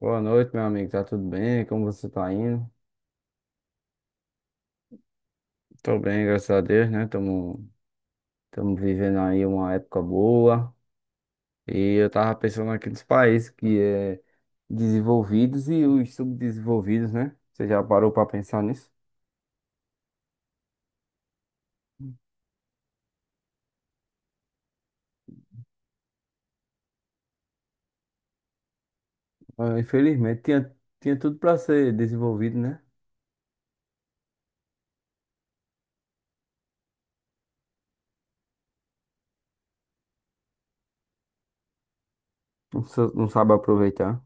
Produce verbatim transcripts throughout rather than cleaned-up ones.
Boa noite, meu amigo. Tá tudo bem? Como você tá indo? Tô bem, graças a Deus, né? Tamo, tamo vivendo aí uma época boa. E eu tava pensando aqui nos países que é desenvolvidos e os subdesenvolvidos, né? Você já parou pra pensar nisso? Ah, infelizmente, tinha, tinha tudo pra ser desenvolvido, né? Não, sa- não sabe aproveitar.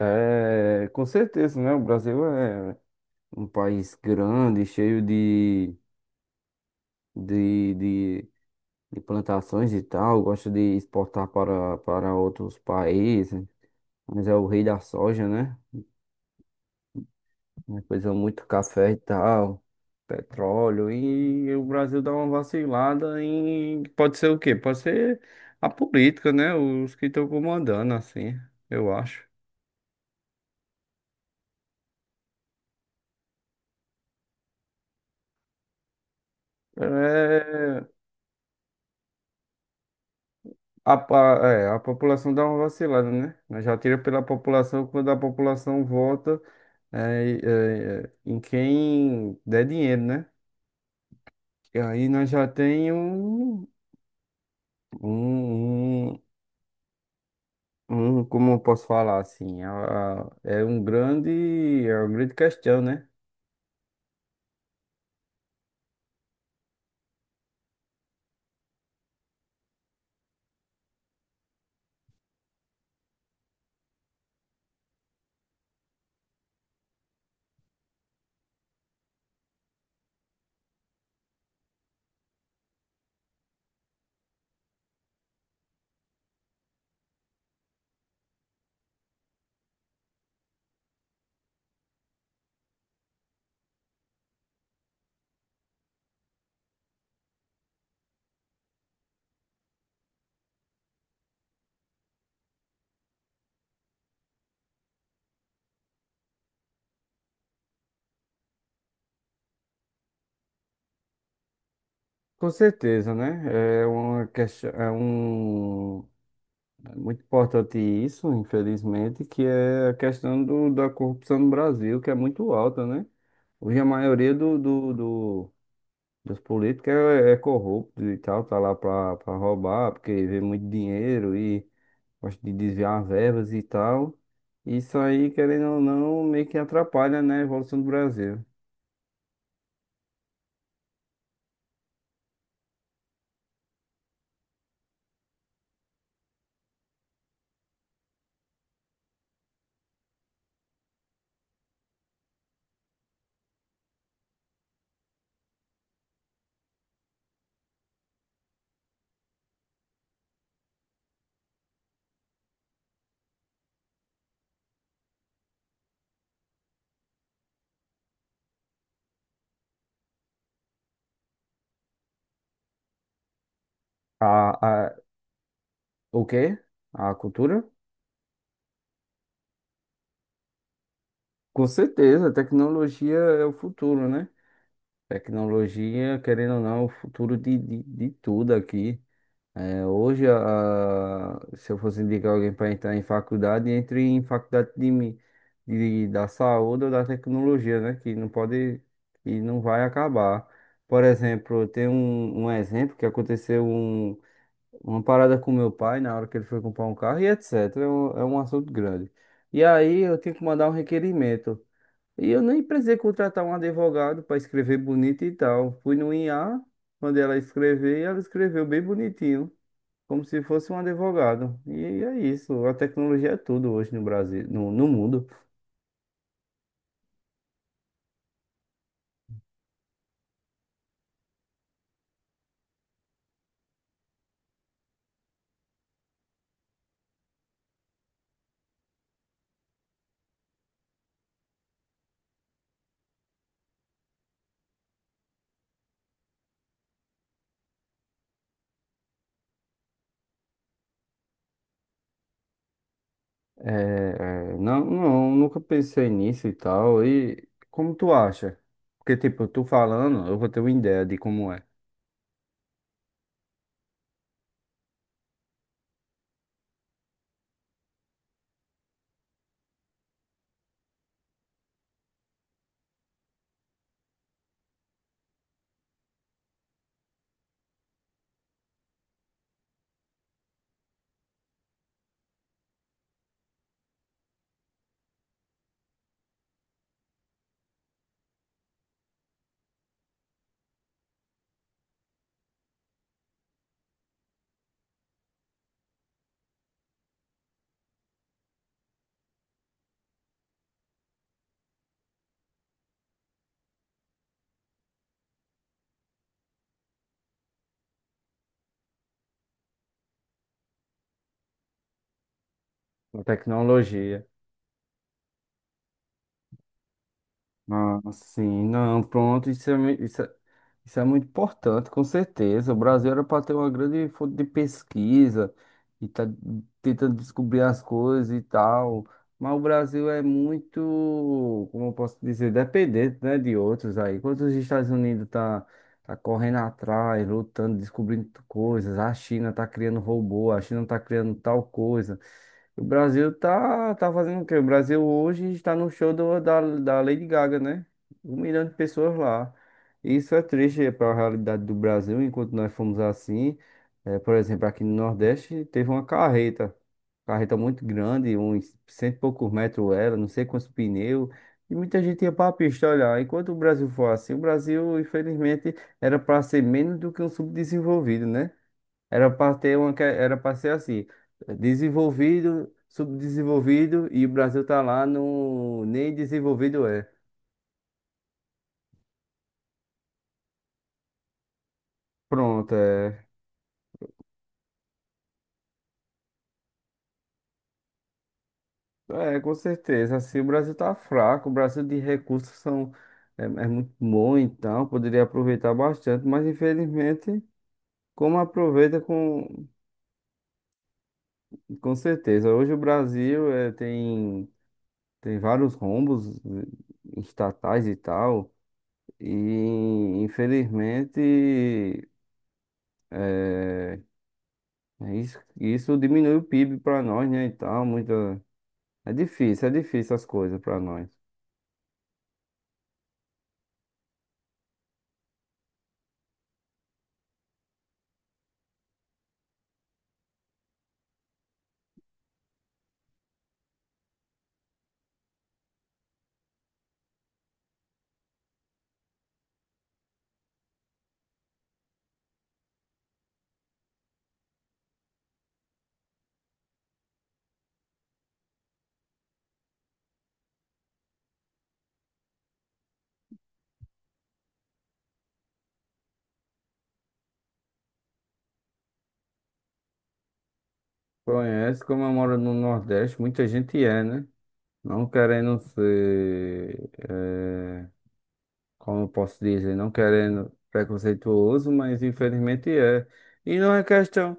É, com certeza, né? O Brasil é um país grande, cheio de, de, de de plantações e tal, gosta de exportar para, para outros países, mas é o rei da soja, né? Depois é muito café e tal, petróleo, e o Brasil dá uma vacilada em... Pode ser o quê? Pode ser a política, né? Os que estão comandando, assim, eu acho. É... A, pa- é, a população dá uma vacilada, né? Mas já tira pela população quando a população vota é, é, é, em quem der dinheiro, né? E aí nós já tem um, um, um, um- como eu posso falar assim, a- a- é um grande, é uma grande questão, né? Com certeza, né? É uma questão, é um, é muito importante isso, infelizmente, que é a questão do, da corrupção no Brasil, que é muito alta, né? Hoje a maioria do, do, do- dos políticos é, é corrupto e tal, tá lá pra, pra roubar, porque vê muito dinheiro e gosto de desviar verbas e tal. Isso aí, querendo ou não, meio que atrapalha, né, a evolução do Brasil. A, a, o quê? A cultura? Com certeza, a tecnologia é o futuro, né? Tecnologia, querendo ou não, é o futuro de, de, de tudo aqui. É, hoje, a, a- se eu fosse indicar alguém para entrar em faculdade, entre em faculdade de, mi- de- da saúde ou da tecnologia, né? Que não pode, que não vai acabar. Por exemplo, tem um, um exemplo que aconteceu um, uma parada com meu pai na hora que ele foi comprar um carro e et cetera. É um, é um assunto grande. E aí eu tenho que mandar um requerimento. E eu nem precisei contratar um advogado para escrever bonito e tal. Fui no I A, mandei ela escrever e ela escreveu bem bonitinho como se fosse um advogado. E é isso, a tecnologia é tudo hoje no Brasil, no, no mundo. É, é, não, não, nunca pensei nisso e tal. E como tu acha? Porque, tipo, tu falando, eu vou ter uma ideia de como é a tecnologia. Ah, sim, não, pronto, isso é, mui- isso é, isso é muito importante, com certeza. O Brasil era para ter uma grande fonte de pesquisa e tá tentando descobrir as coisas e tal, mas o Brasil é muito, como eu posso dizer, dependente, né, de outros aí. Enquanto os Estados Unidos tá, tá correndo atrás, lutando, descobrindo coisas, a China tá criando robô, a China tá criando tal coisa. O Brasil tá, tá fazendo o quê? O Brasil hoje está no show do- da, da Lady Gaga, né? Um milhão de pessoas lá. Isso é triste para a realidade do Brasil, enquanto nós fomos assim. eh, por exemplo, aqui no Nordeste teve uma carreta. Carreta muito grande, uns cento e poucos metros ela, não sei quantos pneus. E muita gente ia para a pista olhar. Enquanto o Brasil for assim, o Brasil, infelizmente, era para ser menos do que um subdesenvolvido, né? Era para ter uma, que- era para ser assim, desenvolvido, subdesenvolvido e o Brasil tá lá no nem desenvolvido é. Pronto, é. É, com certeza. Assim, o Brasil tá fraco, o Brasil de recursos são é, é muito bom, então poderia aproveitar bastante, mas infelizmente como aproveita com com certeza. Hoje o Brasil é, tem tem vários rombos eh, estatais e tal. E infelizmente É, é isso, isso diminui o P I B para nós, né? E tal, muita. É difícil, é difícil as coisas para nós. Conhece, como eu moro no Nordeste, muita gente é, né? Não querendo ser, eh, como eu posso dizer, não querendo preconceituoso, mas infelizmente é. E não é questão.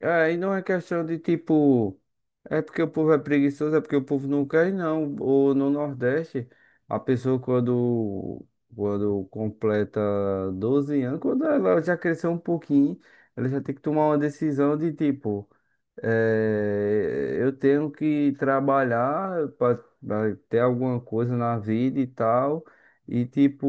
É, e não é questão de tipo, é porque o povo é preguiçoso, é porque o povo não quer, não. Ou no Nordeste, a pessoa quando, quando completa doze anos, quando ela já cresceu um pouquinho, ela já tem que tomar uma decisão de tipo. É, eu tenho que trabalhar para ter alguma coisa na vida e tal. E tipo,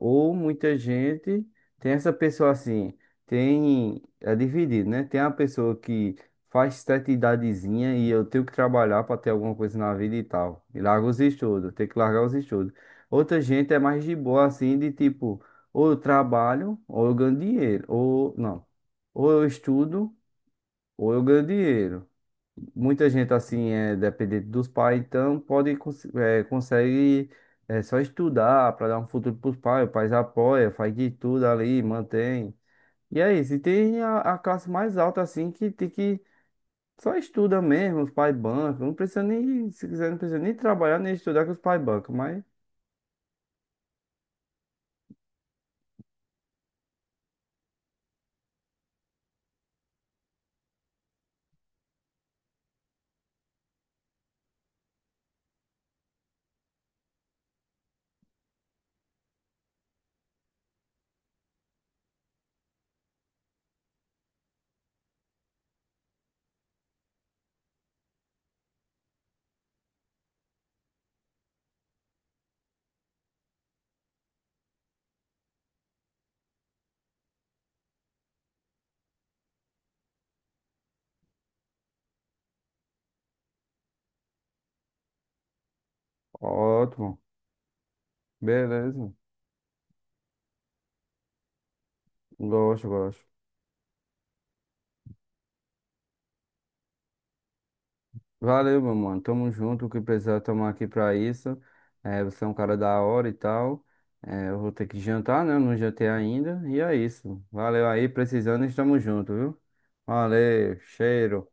ou muita gente tem essa pessoa assim, tem, é dividido, né? Tem a pessoa que faz certa idadezinha e eu tenho que trabalhar para ter alguma coisa na vida e tal. E larga os estudos, tem que largar os estudos. Outra gente é mais de boa assim, de tipo, ou eu trabalho, ou eu ganho dinheiro, ou não, ou eu estudo, ou eu ganho dinheiro. Muita gente, assim, é dependente dos pais, então pode, cons- é, consegue é, só estudar para dar um futuro para os pais, o pai apoia, faz de tudo ali, mantém. E é isso, e tem a, a classe mais alta, assim, que tem que só estuda mesmo, os pais bancam, não precisa nem, se quiser, não precisa nem trabalhar, nem estudar que os pais bancam, mas ótimo, beleza, gosto, gosto. Valeu, meu mano. Tamo junto. O que precisar, tomar aqui pra isso. É, você é um cara da hora e tal. É, eu vou ter que jantar, né? Eu não jantei ainda. E é isso. Valeu aí, precisando, estamos junto, viu? Valeu, cheiro.